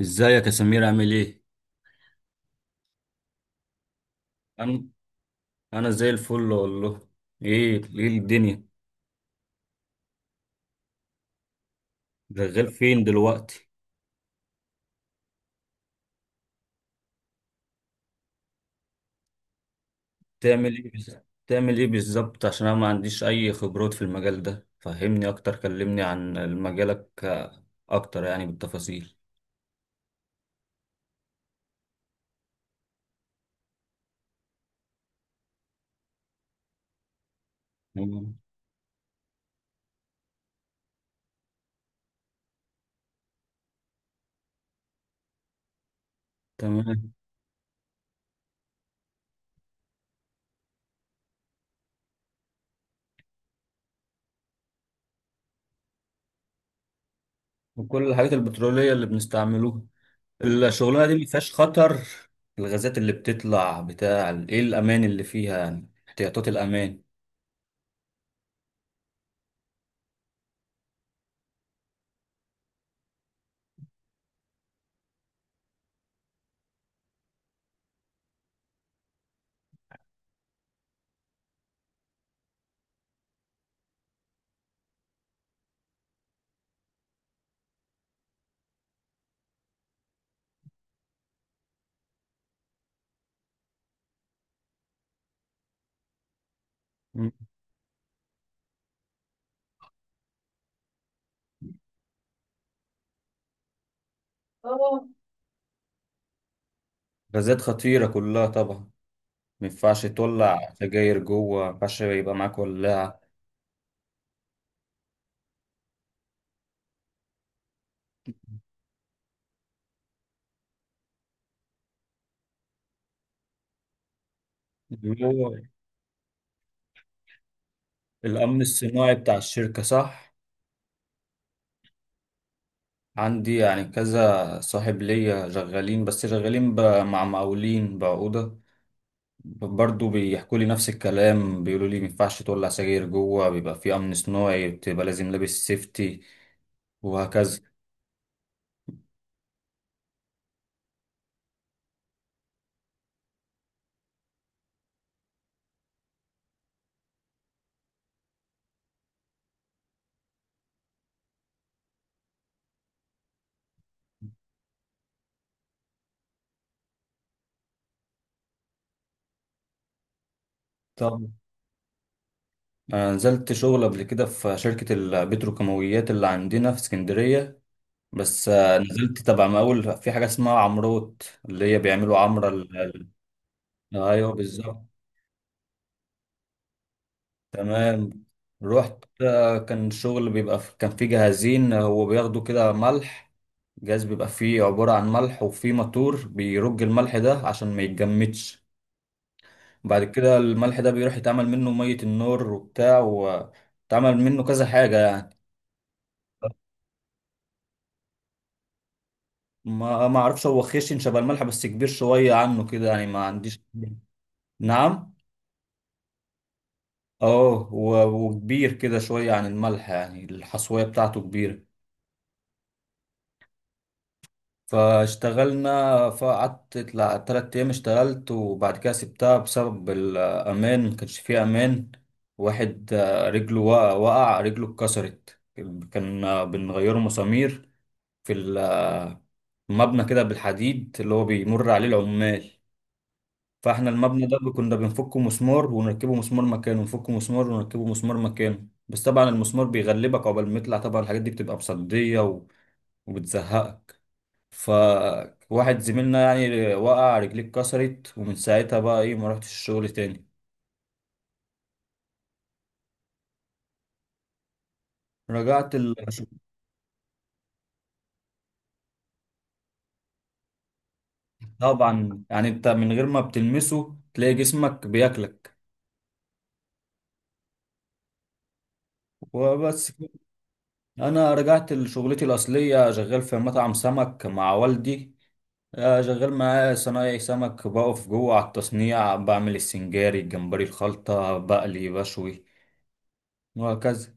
ازيك يا سمير، عامل ايه؟ انا انا زي الفل والله. ايه الدنيا؟ شغال فين دلوقتي؟ تعمل ايه بز- تعمل ايه بالظبط؟ عشان انا ما عنديش اي خبرات في المجال ده، فهمني اكتر، كلمني عن مجالك، اكتر يعني بالتفاصيل. تمام. تمام. وكل الحاجات البترولية اللي بنستعملوها، الشغلانة دي ما فيهاش خطر؟ الغازات اللي بتطلع بتاع ايه الامان اللي فيها؟ يعني احتياطات الامان. مم. اه، غازات خطيرة كلها طبعا، ما ينفعش تولع سجاير جوه، ما ينفعش يبقى معاك ولاعة. اللي هو الأمن الصناعي بتاع الشركة، صح؟ عندي يعني كذا صاحب ليا شغالين، بس شغالين مع مقاولين بعقودة، برضه بيحكوا لي نفس الكلام، بيقولوا لي ما ينفعش تولع سجاير جوه، بيبقى في أمن صناعي، بتبقى لازم لابس سيفتي، وهكذا. طب أنا نزلت شغل قبل كده في شركة البتروكيماويات اللي عندنا في اسكندرية، بس نزلت تبع مقاول في حاجة اسمها عمروت، اللي هي بيعملوا عمرة ايوه بالظبط. تمام. رحت، كان شغل بيبقى كان فيه جهازين، هو بياخدوا كده ملح. جهاز بيبقى فيه عبارة عن ملح، وفيه موتور بيرج الملح ده عشان ما يتجمدش. بعد كده الملح ده بيروح يتعمل منه مية النور وبتاع، وتعمل منه كذا حاجة يعني. ما اعرفش، هو خشن شبه الملح بس كبير شوية عنه كده يعني، ما عنديش. نعم. اه، وكبير كده شوية عن الملح يعني، الحصوية بتاعته كبيرة. فاشتغلنا، فقعدت 3 أيام اشتغلت، وبعد كده سبتها بسبب الأمان، مكانش فيه أمان. واحد رجله وقع رجله اتكسرت. كان بنغيره مسامير في المبنى كده بالحديد اللي هو بيمر عليه العمال، فاحنا المبنى ده كنا بنفكه مسمار ونركبه مسمار مكانه، نفكه مسمار ونركبه مسمار مكانه. بس طبعا المسمار بيغلبك عقبال ما يطلع، طبعا الحاجات دي بتبقى مصدية وبتزهقك. فواحد زميلنا يعني وقع، رجليه اتكسرت، ومن ساعتها بقى ايه، ما رحتش الشغل تاني. رجعت ال... طبعا يعني انت من غير ما بتلمسه تلاقي جسمك بياكلك. وبس. انا رجعت لشغلتي الاصليه، شغال في مطعم سمك مع والدي. شغال معاه صنايعي سمك، بقف جوه على التصنيع، بعمل السنجاري الجمبري الخلطه، بقلي بشوي وهكذا.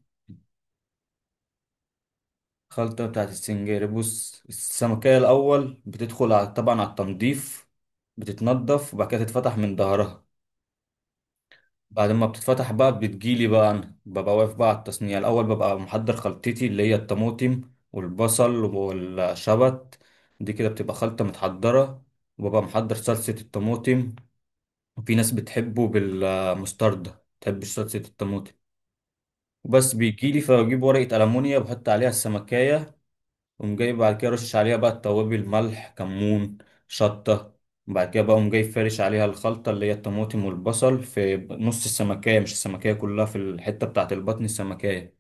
الخلطه بتاعت السنجاري، بص السمكيه الاول بتدخل على طبعا على التنظيف، بتتنضف، وبعد كده تتفتح من ظهرها. بعد ما بتتفتح بقى بتجيلي بقى، أنا ببقى واقف بقى على التصنيع. الأول ببقى محضر خلطتي اللي هي الطماطم والبصل والشبت، دي كده بتبقى خلطة متحضرة، وببقى محضر صلصة الطماطم، وفي ناس بتحبه بالمستردة، متحبش صلصة الطماطم. وبس بيجيلي فبجيب ورقة ألمونيا، بحط عليها السمكاية، قوم جاي بعد كده رشش عليها بقى التوابل، ملح كمون شطة. بعد كده بقى قوم جاي فارش عليها الخلطة اللي هي الطماطم والبصل في نص السمكية، مش السمكية كلها، في الحتة بتاعة البطن السمكية.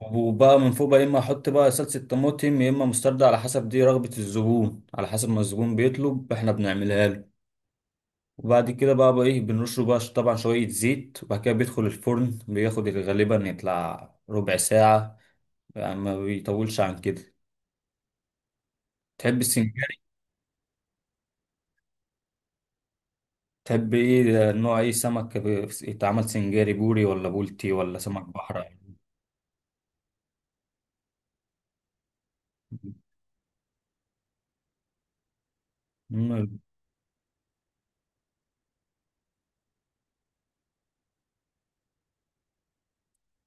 وبقى من فوق بقى يا إما أحط بقى صلصة طماطم يا إما مستردة، على حسب دي رغبة الزبون، على حسب ما الزبون بيطلب إحنا بنعملها له. وبعد كده بقى إيه، بنرشه بقى طبعا شوية زيت، وبعد كده بيدخل الفرن، بياخد غالبا يطلع ربع ساعة يعني، ما بيطولش عن كده. تحب السنجاب؟ تحب ايه، نوع ايه سمك يتعمل سنجاري؟ بوري ولا بولتي ولا سمك بحر؟ مم.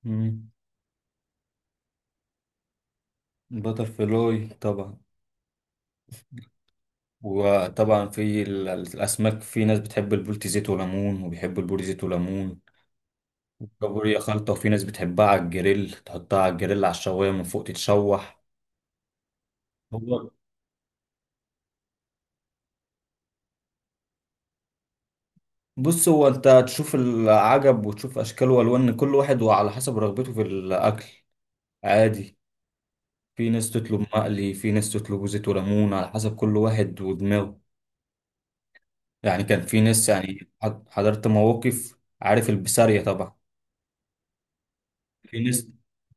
مم. بتر فلاي طبعا. وطبعا في الاسماك، في ناس بتحب البولتي زيت وليمون، وبيحبوا البوري زيت وليمون. كابوريا خلطه، وفي ناس بتحبها على الجريل، تحطها على الجريل على الشوايه من فوق تتشوح. هو بص، هو انت تشوف العجب وتشوف اشكال والوان، كل واحد وعلى حسب رغبته في الاكل، عادي. في ناس تطلب مقلي، في ناس تطلب زيت وليمون، على حسب كل واحد ودماغه. يعني كان في ناس يعني حضرت مواقف، عارف البسارية طبعا؟ في ناس،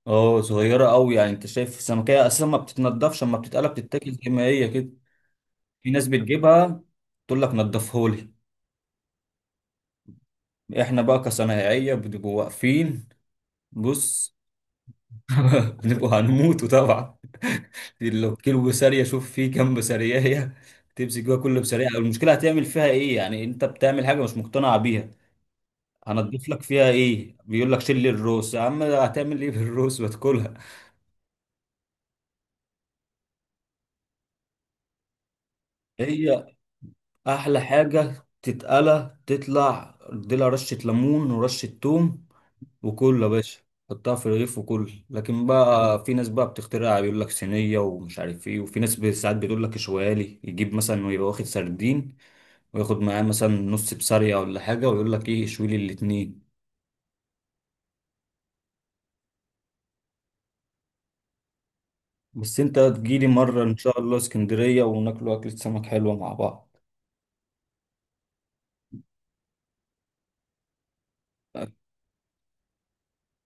اه صغيرة قوي يعني، انت شايف السمكية اساسا ما بتتنضفش، اما بتتقلب بتتاكل زي ما هي كده. في ناس بتجيبها تقول لك نضفهولي، احنا بقى كصنايعية بنبقوا واقفين، بص. نبقوا هنموتوا طبعا. لو كيلو بسارية، شوف فيه كام بسارية، تمسك جوا كل بسارية، المشكلة هتعمل فيها ايه يعني، انت بتعمل حاجة مش مقتنع بيها، هنضيف لك فيها ايه؟ بيقول لك شيل لي الروس يا عم، هتعمل ايه بالروس وتاكلها؟ هي احلى حاجة تتقلى، تطلع اديلها رشة ليمون ورشة توم، وكل يا باشا، حطها في الرغيف وكل. لكن بقى في ناس بقى بتخترع، بيقول لك صينيه ومش عارف ايه، وفي ناس ساعات بتقول لك شوالي، يجيب مثلا ويبقى واخد سردين، وياخد معاه مثلا نص بسارية ولا حاجه، ويقول لك ايه اشوي لي الاتنين. بس انت تجيلي مره ان شاء الله اسكندريه، وناكلوا اكله سمك حلوه مع بعض.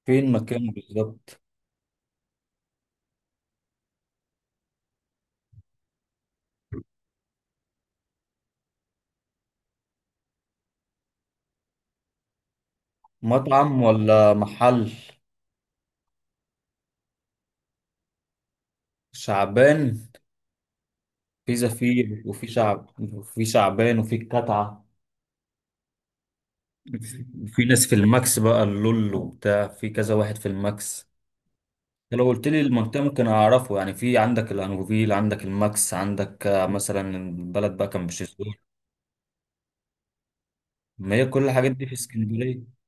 فين مكانه بالظبط؟ مطعم ولا محل؟ شعبان؟ في زفير، وفي شعب، وفي شعبان، وفي القطعه. في ناس في الماكس بقى اللول وبتاع، في كذا واحد في الماكس. أنت لو قلت لي المنطقة ممكن أعرفه، يعني في عندك الأنوفيل، عندك الماكس، عندك مثلا بلد بقى كان بشيزور. ما هي كل الحاجات دي في اسكندرية،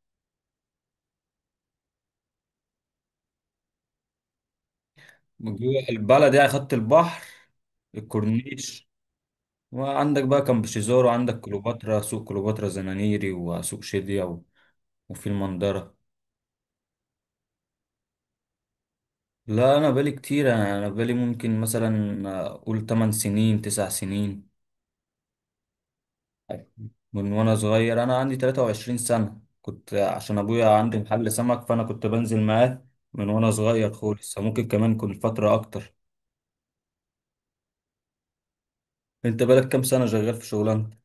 جوه البلد يعني، خط البحر، الكورنيش. وعندك بقى كان بشيزور، وعندك كليوباترا، سوق كليوباترا زنانيري، وسوق شدية وفي المنظرة. لا أنا بالي كتير، أنا بالي ممكن مثلا أقول 8 سنين 9 سنين. من وانا صغير، انا عندي 23 سنة، كنت عشان ابويا عندي محل سمك فانا كنت بنزل معاه من وانا صغير خالص، ممكن كمان كنت فترة اكتر. انت بقالك كام سنة شغال في شغلانتك؟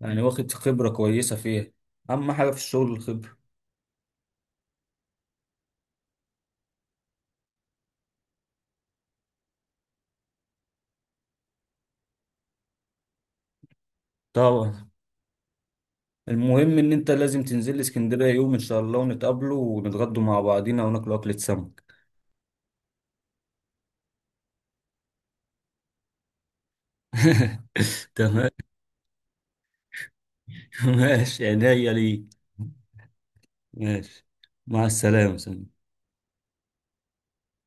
يعني واخد خبرة كويسة فيها، اهم حاجة في الشغل الخبرة. طبعا. المهم ان انت لازم تنزل لي اسكندرية يوم ان شاء الله، ونتقابلوا ونتغدوا مع بعضينا وناكلوا اكلة سمك. تمام. ماشي، عينيا ليك. ماشي. مع السلامة، سلام.